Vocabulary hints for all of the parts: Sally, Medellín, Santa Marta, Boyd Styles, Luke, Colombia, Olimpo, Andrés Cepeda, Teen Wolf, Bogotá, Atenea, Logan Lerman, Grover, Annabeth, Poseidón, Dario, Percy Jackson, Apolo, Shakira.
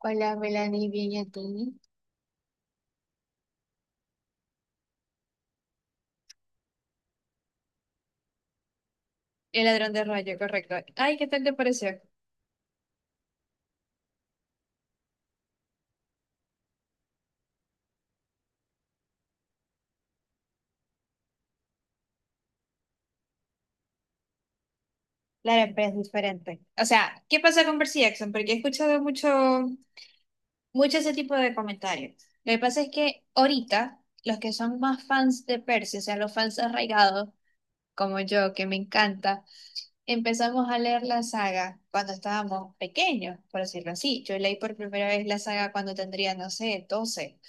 Hola, Melanie, bien, ¿y a ti? El ladrón de rayo, correcto. Ay, ¿qué tal te pareció? Claro, pero es diferente. O sea, ¿qué pasa con Percy Jackson? Porque he escuchado mucho ese tipo de comentarios. Lo que pasa es que ahorita, los que son más fans de Percy, o sea, los fans arraigados, como yo, que me encanta, empezamos a leer la saga cuando estábamos pequeños, por decirlo así. Yo leí por primera vez la saga cuando tendría, no sé, 12.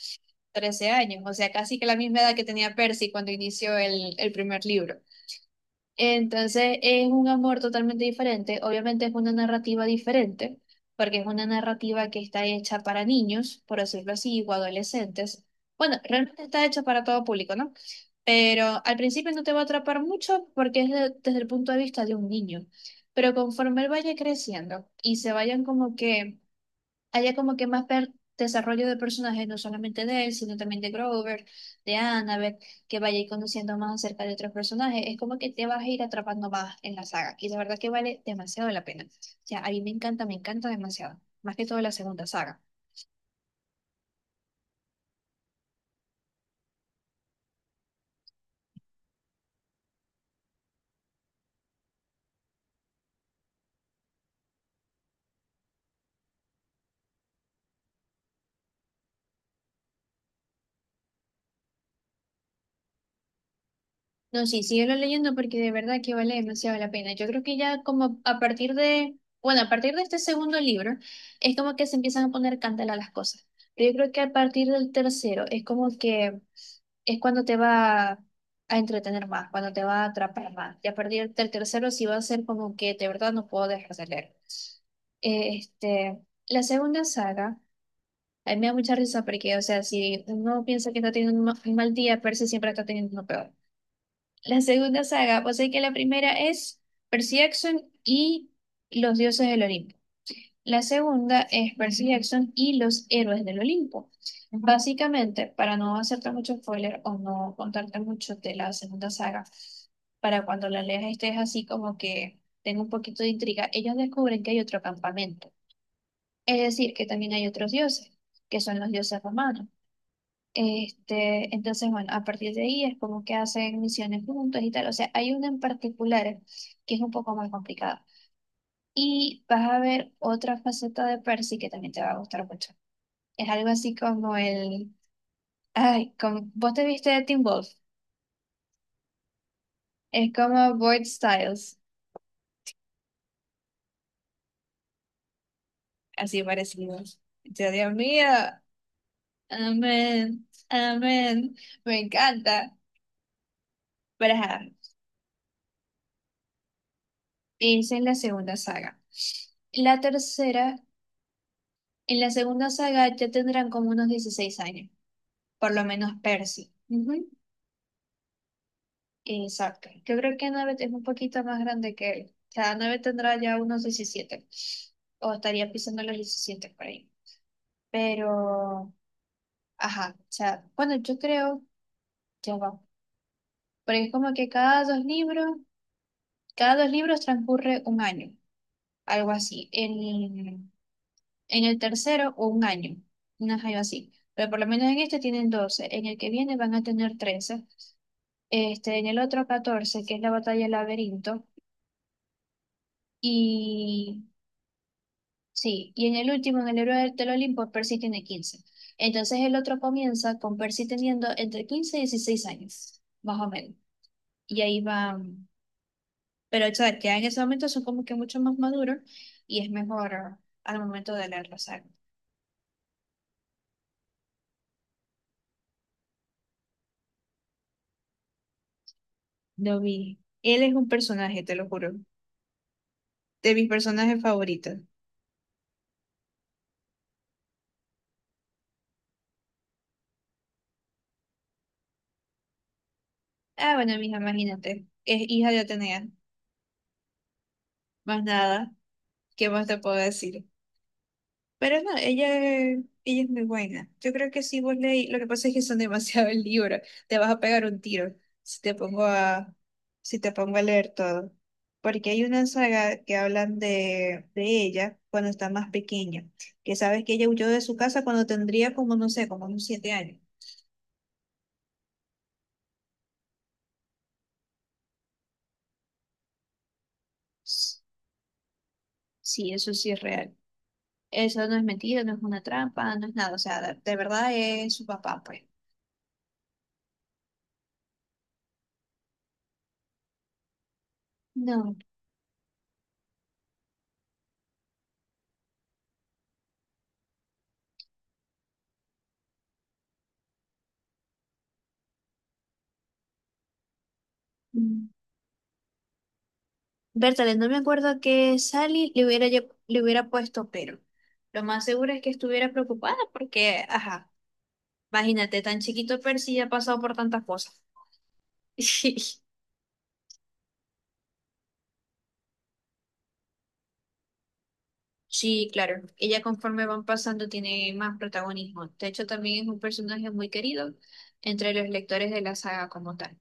13 años, o sea, casi que la misma edad que tenía Percy cuando inició el primer libro. Entonces es un amor totalmente diferente, obviamente es una narrativa diferente, porque es una narrativa que está hecha para niños, por decirlo así, o adolescentes. Bueno, realmente está hecha para todo público, ¿no? Pero al principio no te va a atrapar mucho porque desde el punto de vista de un niño. Pero conforme él vaya creciendo y se vayan como que haya como que desarrollo de personajes, no solamente de él, sino también de Grover, de Annabeth, que vaya a ir conociendo más acerca de otros personajes. Es como que te vas a ir atrapando más en la saga y la verdad que vale demasiado la pena. O sea, a mí me encanta demasiado. Más que todo la segunda saga. No, sí, síguelo leyendo porque de verdad que vale demasiado la pena. Yo creo que ya como a partir de, bueno, a partir de este segundo libro, es como que se empiezan a poner candela las cosas. Pero yo creo que a partir del tercero es como que es cuando te va a entretener más, cuando te va a atrapar más. Y a partir del tercero sí va a ser como que de verdad no puedo dejar de leer. Eh, Este, la segunda saga, a mí me da mucha risa porque, o sea, si uno piensa que está teniendo un mal día, parece siempre está teniendo uno peor. La segunda saga, pues sé que la primera es Percy Jackson y los dioses del Olimpo. La segunda es Percy Jackson y los héroes del Olimpo. Básicamente, para no hacerte mucho spoiler o no contarte mucho de la segunda saga, para cuando la leas estés así como que tenga un poquito de intriga, ellos descubren que hay otro campamento. Es decir, que también hay otros dioses, que son los dioses romanos. Entonces, bueno, a partir de ahí es como que hacen misiones juntos y tal. O sea, hay una en particular que es un poco más complicada. Y vas a ver otra faceta de Percy que también te va a gustar mucho. Es algo así como el... Ay, como, vos te viste de Teen Wolf. Es como Boyd Styles, así parecido. Yo, Dios mío, amén, amén. Me encanta. Pero ajá, esa es la segunda saga. La tercera... En la segunda saga ya tendrán como unos 16 años, por lo menos Percy. Ujú. Exacto. Yo creo que Annabeth es un poquito más grande que él. O sea, Annabeth tendrá ya unos 17 o estaría pisando los 17 por ahí. Pero, ajá, o sea, bueno, yo creo, ya va. Porque es como que cada dos libros transcurre un año, algo así. En el tercero, un año, una algo así. Pero por lo menos en este tienen 12. En el que viene van a tener 13. En el otro 14 que es la batalla del laberinto, y sí, y en el último, en el héroe del Olimpo, Percy tiene 15. Entonces el otro comienza con Percy teniendo entre 15 y 16 años, más o menos. Y ahí va, pero o sea, ya en ese momento son como que mucho más maduros y es mejor al momento de leer la saga. Lo vi. Él es un personaje, te lo juro, de mis personajes favoritos. Ah, bueno, mija, imagínate, es hija de Atenea, más nada, ¿qué más te puedo decir? Pero no, ella es muy buena. Yo creo que si vos leí, lo que pasa es que son demasiados libros, te vas a pegar un tiro si te pongo a leer todo. Porque hay una saga que hablan de ella cuando está más pequeña, que sabes que ella huyó de su casa cuando tendría como, no sé, como unos 7 años. S- Sí, eso sí es real. Eso no es mentira, no es una trampa, no es nada. O sea, de verdad es su papá, pues. No. Bertale, no me acuerdo que Sally le hubiera, le hubiera puesto pero. Lo más seguro es que estuviera preocupada porque, ajá, imagínate, tan chiquito Percy ya ha pasado por tantas cosas. Sí, claro, ella conforme van pasando tiene más protagonismo. De hecho, también es un personaje muy querido entre los lectores de la saga como tal.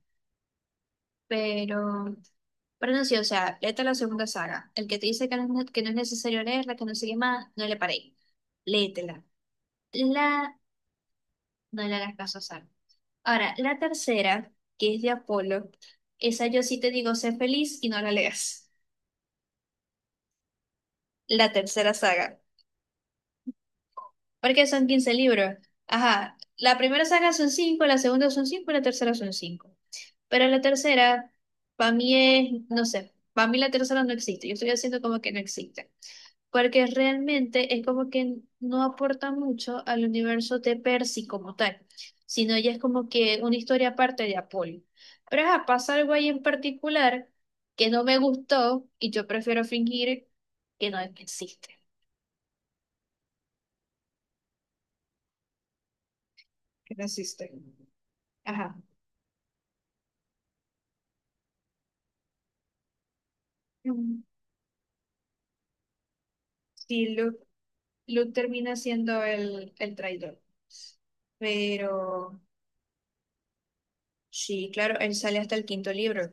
Pero, pero no, sí, o sea, léete la segunda saga. El que te dice que no, que no es necesario leerla, que no sigue más, no le paréis. Léetela. La, no le hagas caso a Sally. Ahora, la tercera, que es de Apolo, esa yo sí te digo, sé feliz y no la leas. La tercera saga, porque son 15 libros. Ajá, la primera saga son cinco, la segunda son 5 y la tercera son cinco. Pero la tercera, para mí es, no sé, para mí la tercera no existe. Yo estoy haciendo como que no existe. Porque realmente es como que no aporta mucho al universo de Percy como tal, sino ya es como que una historia aparte de Apolo. Pero ajá, pasa algo ahí en particular que no me gustó y yo prefiero fingir que no existe. Que no existe. Ajá. Mm. Sí, Luke, Luke termina siendo el traidor. Pero. Sí, claro, él sale hasta el quinto libro.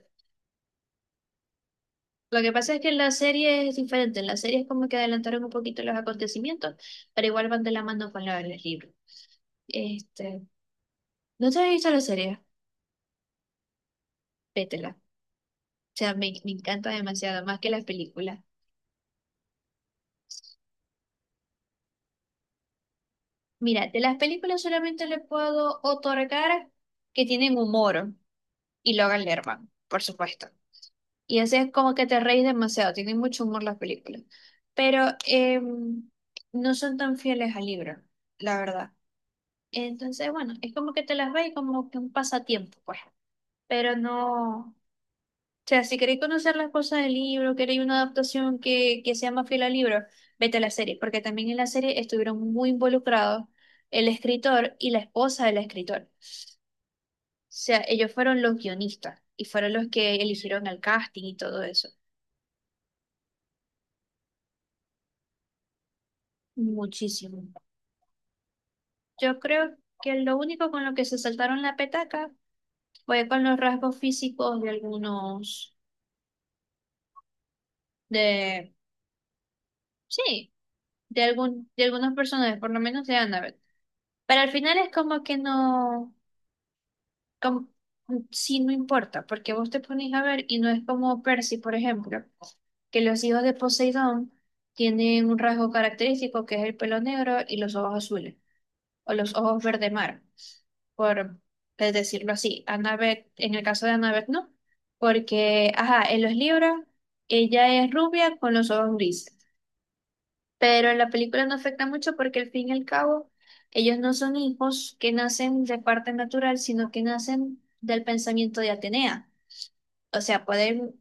Lo que pasa es que en la serie es diferente. En la serie es como que adelantaron un poquito los acontecimientos, pero igual van de la mano con los libros. Este, ¿No te has visto la serie? Vétela. O sea, me encanta demasiado, más que las películas. Mira, de las películas solamente le puedo otorgar que tienen humor y Logan Lerman, por supuesto. Y así es como que te reís demasiado, tienen mucho humor las películas. Pero no son tan fieles al libro, la verdad. Entonces, bueno, es como que te las ves y como que un pasatiempo, pues. Pero no, o sea, si queréis conocer las cosas del libro, queréis una adaptación que sea más fiel al libro, vete a la serie, porque también en la serie estuvieron muy involucrados el escritor y la esposa del escritor. O sea, ellos fueron los guionistas y fueron los que eligieron el casting y todo eso. Muchísimo. Yo creo que lo único con lo que se saltaron la petaca fue con los rasgos físicos de algunos de... Sí. De algunos personajes, por lo menos de Annabeth. Pero al final es como que no, como, sí, no importa, porque vos te pones a ver y no es como Percy, por ejemplo, que los hijos de Poseidón tienen un rasgo característico que es el pelo negro y los ojos azules, o los ojos verde mar, por decirlo así. Annabeth, en el caso de Annabeth, no, porque, ajá, en los libros ella es rubia con los ojos grises. Pero en la película no afecta mucho porque al fin y al cabo ellos no son hijos que nacen de parte natural, sino que nacen del pensamiento de Atenea. O sea, pueden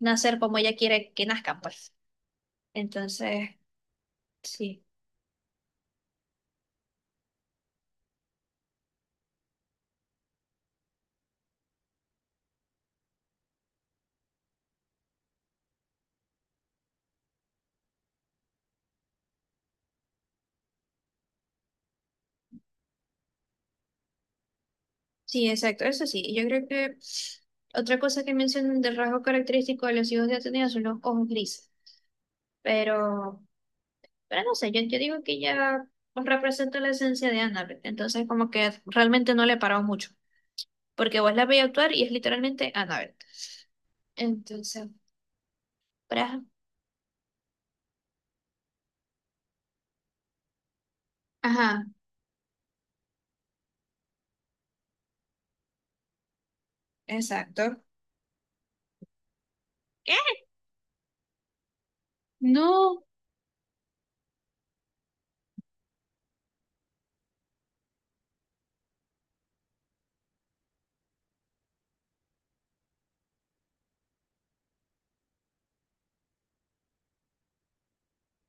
nacer como ella quiere que nazcan, pues. Entonces, sí, sí, exacto, eso sí. Yo creo que otra cosa que mencionan del rasgo característico de los hijos de Atenea son los ojos grises. Pero, pero no sé, yo digo que ella pues, representa la esencia de Annabeth. Entonces, como que realmente no le paró mucho. Porque vos la veis actuar y es literalmente Annabelle. Entonces, pra- ajá, exacto. ¿Qué? No,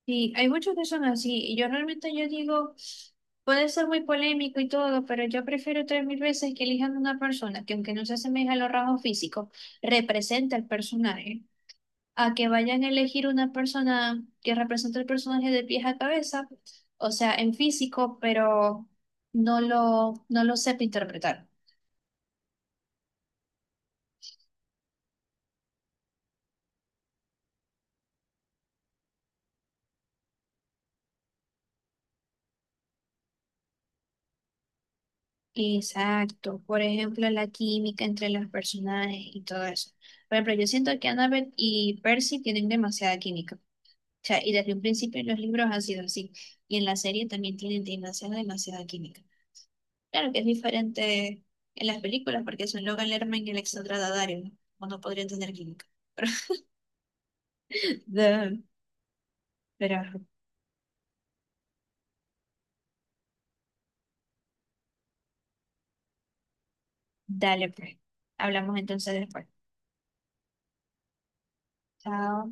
sí, hay muchos que son así. Y yo realmente yo digo, puede ser muy polémico y todo, pero yo prefiero 3.000 veces que elijan una persona que aunque no se asemeje a los rasgos físicos, representa el personaje, a que vayan a elegir una persona que represente el personaje de pies a cabeza, o sea, en físico, pero no lo sepa interpretar. Exacto, por ejemplo, la química entre los personajes y todo eso. Por ejemplo, yo siento que Annabelle y Percy tienen demasiada química. O sea, y desde un principio en los libros ha sido así. Y en la serie también tienen demasiada, demasiada química. Claro que es diferente en las películas porque son Logan Lerman y el Dario, ¿no? O no podrían tener química. Pero, pero dale, pues. Hablamos entonces después. Chao.